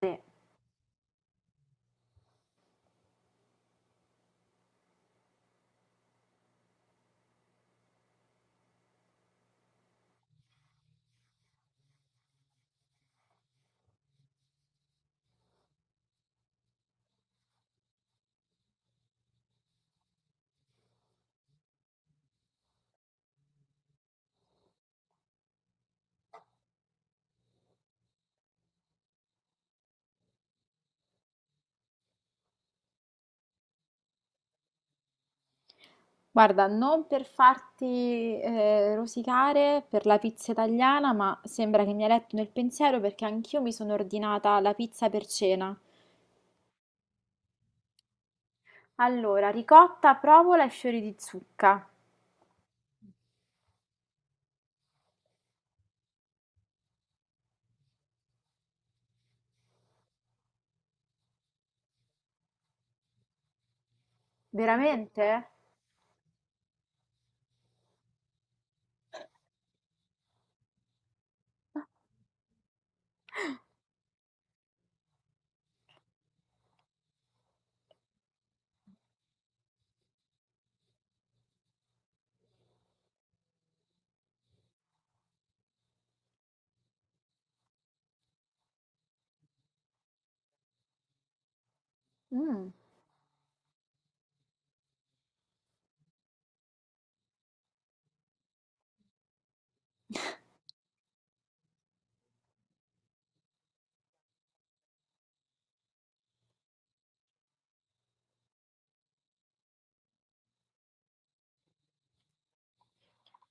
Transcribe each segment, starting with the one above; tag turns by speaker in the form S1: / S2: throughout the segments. S1: Sì. Guarda, non per farti rosicare per la pizza italiana, ma sembra che mi hai letto nel pensiero perché anch'io mi sono ordinata la pizza per cena. Allora, ricotta, provola e fiori di zucca. Veramente? Mm.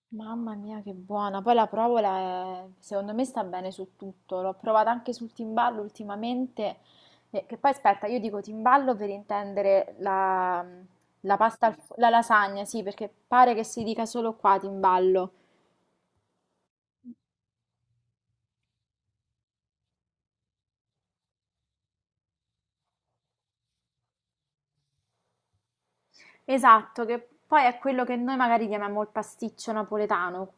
S1: Mamma mia, che buona! Poi la provola, è- secondo me, sta bene su tutto. L'ho provata anche sul timballo ultimamente. Che poi, aspetta, io dico timballo per intendere la pasta, al fo- la lasagna, sì, perché pare che si dica solo qua timballo. Esatto, che poi è quello che noi magari chiamiamo il pasticcio napoletano.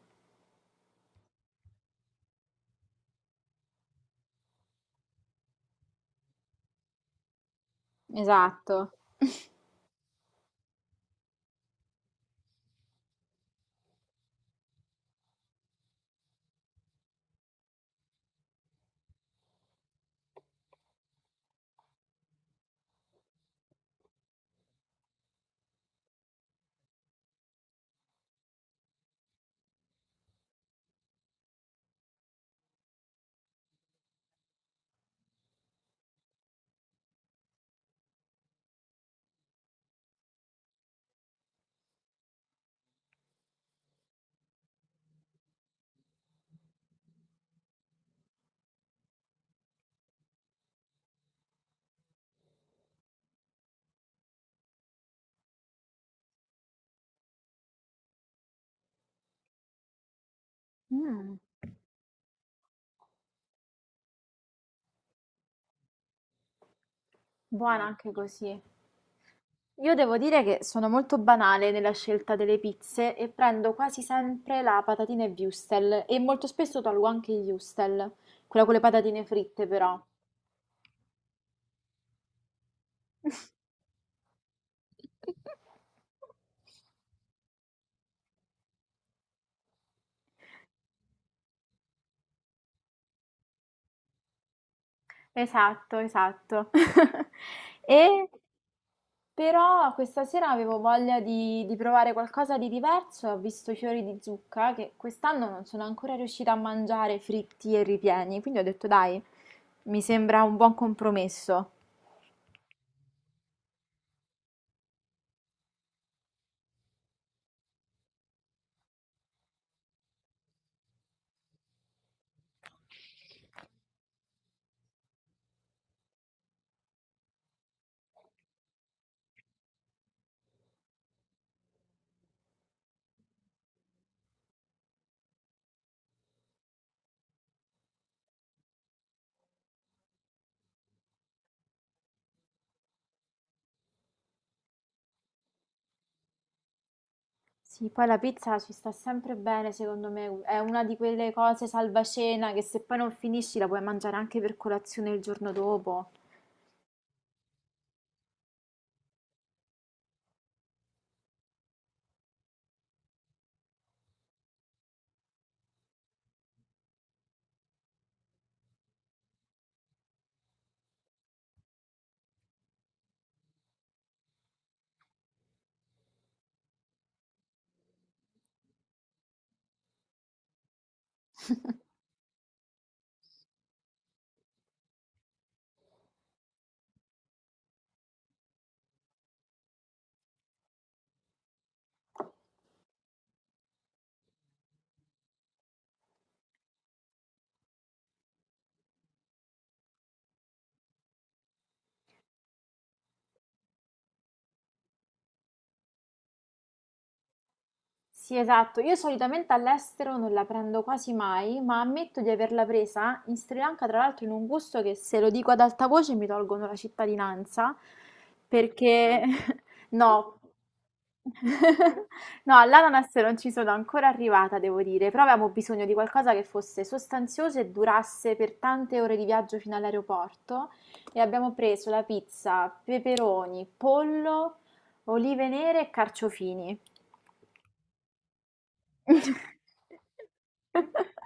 S1: Esatto. Mm, buona anche così. Io devo dire che sono molto banale nella scelta delle pizze e prendo quasi sempre la patatina e wurstel e molto spesso tolgo anche il wurstel, quella con le patatine fritte però. Esatto, esatto. E però questa sera avevo voglia di provare qualcosa di diverso e ho visto i fiori di zucca che quest'anno non sono ancora riuscita a mangiare fritti e ripieni, quindi ho detto dai, mi sembra un buon compromesso. Sì, poi la pizza ci sta sempre bene, secondo me, è una di quelle cose salvacena che se poi non finisci la puoi mangiare anche per colazione il giorno dopo. Sì, esatto. Io solitamente all'estero non la prendo quasi mai, ma ammetto di averla presa in Sri Lanka, tra l'altro, in un gusto che se lo dico ad alta voce mi tolgono la cittadinanza, perché no. No, all'ananas non ci sono ancora arrivata, devo dire, però avevamo bisogno di qualcosa che fosse sostanzioso e durasse per tante ore di viaggio fino all'aeroporto e abbiamo preso la pizza, peperoni, pollo, olive nere e carciofini.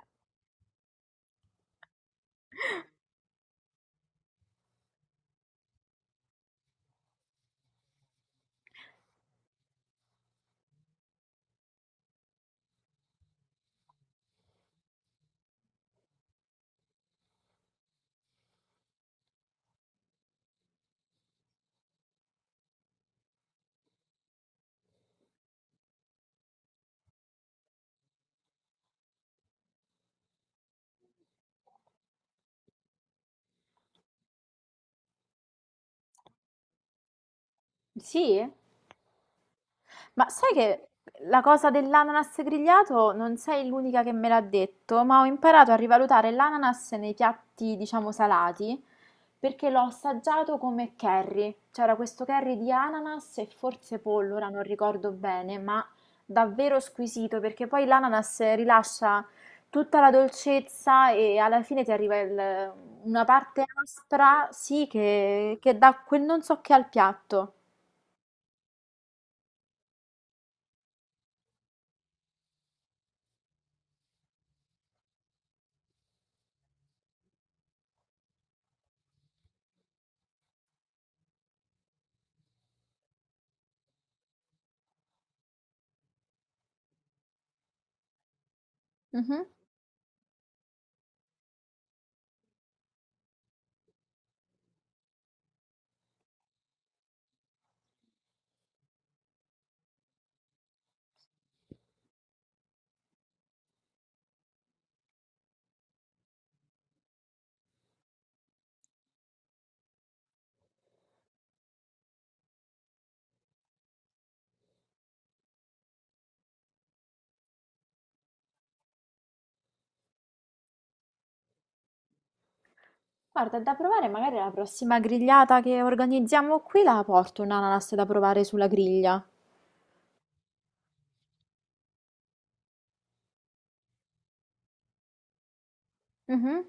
S1: Sì? Ma sai che la cosa dell'ananas grigliato non sei l'unica che me l'ha detto, ma ho imparato a rivalutare l'ananas nei piatti, diciamo, salati perché l'ho assaggiato come curry. C'era questo curry di ananas e forse pollo, ora non ricordo bene, ma davvero squisito perché poi l'ananas rilascia tutta la dolcezza e alla fine ti arriva il- una parte aspra, sì, che dà quel non so che al piatto. Mhm. Guarda, è da provare, magari la prossima grigliata che organizziamo qui la porto un'ananas da provare sulla griglia. Mhm.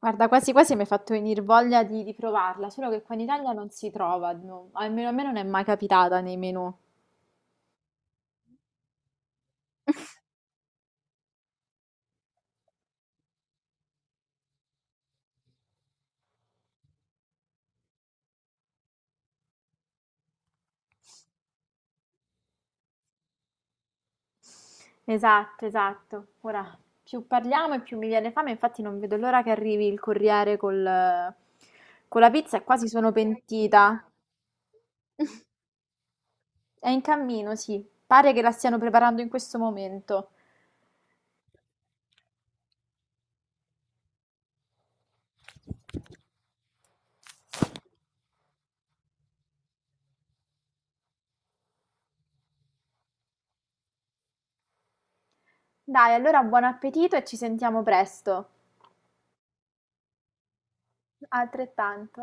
S1: Guarda, quasi quasi mi hai fatto venire voglia di provarla, solo che qua in Italia non si trova, no, almeno a me non è mai capitata nei menù. Esatto, esatto. Ora, più parliamo e più mi viene fame, infatti non vedo l'ora che arrivi il corriere con la pizza e quasi sono pentita. È in cammino, sì, pare che la stiano preparando in questo momento. Dai, allora buon appetito e ci sentiamo presto. Altrettanto.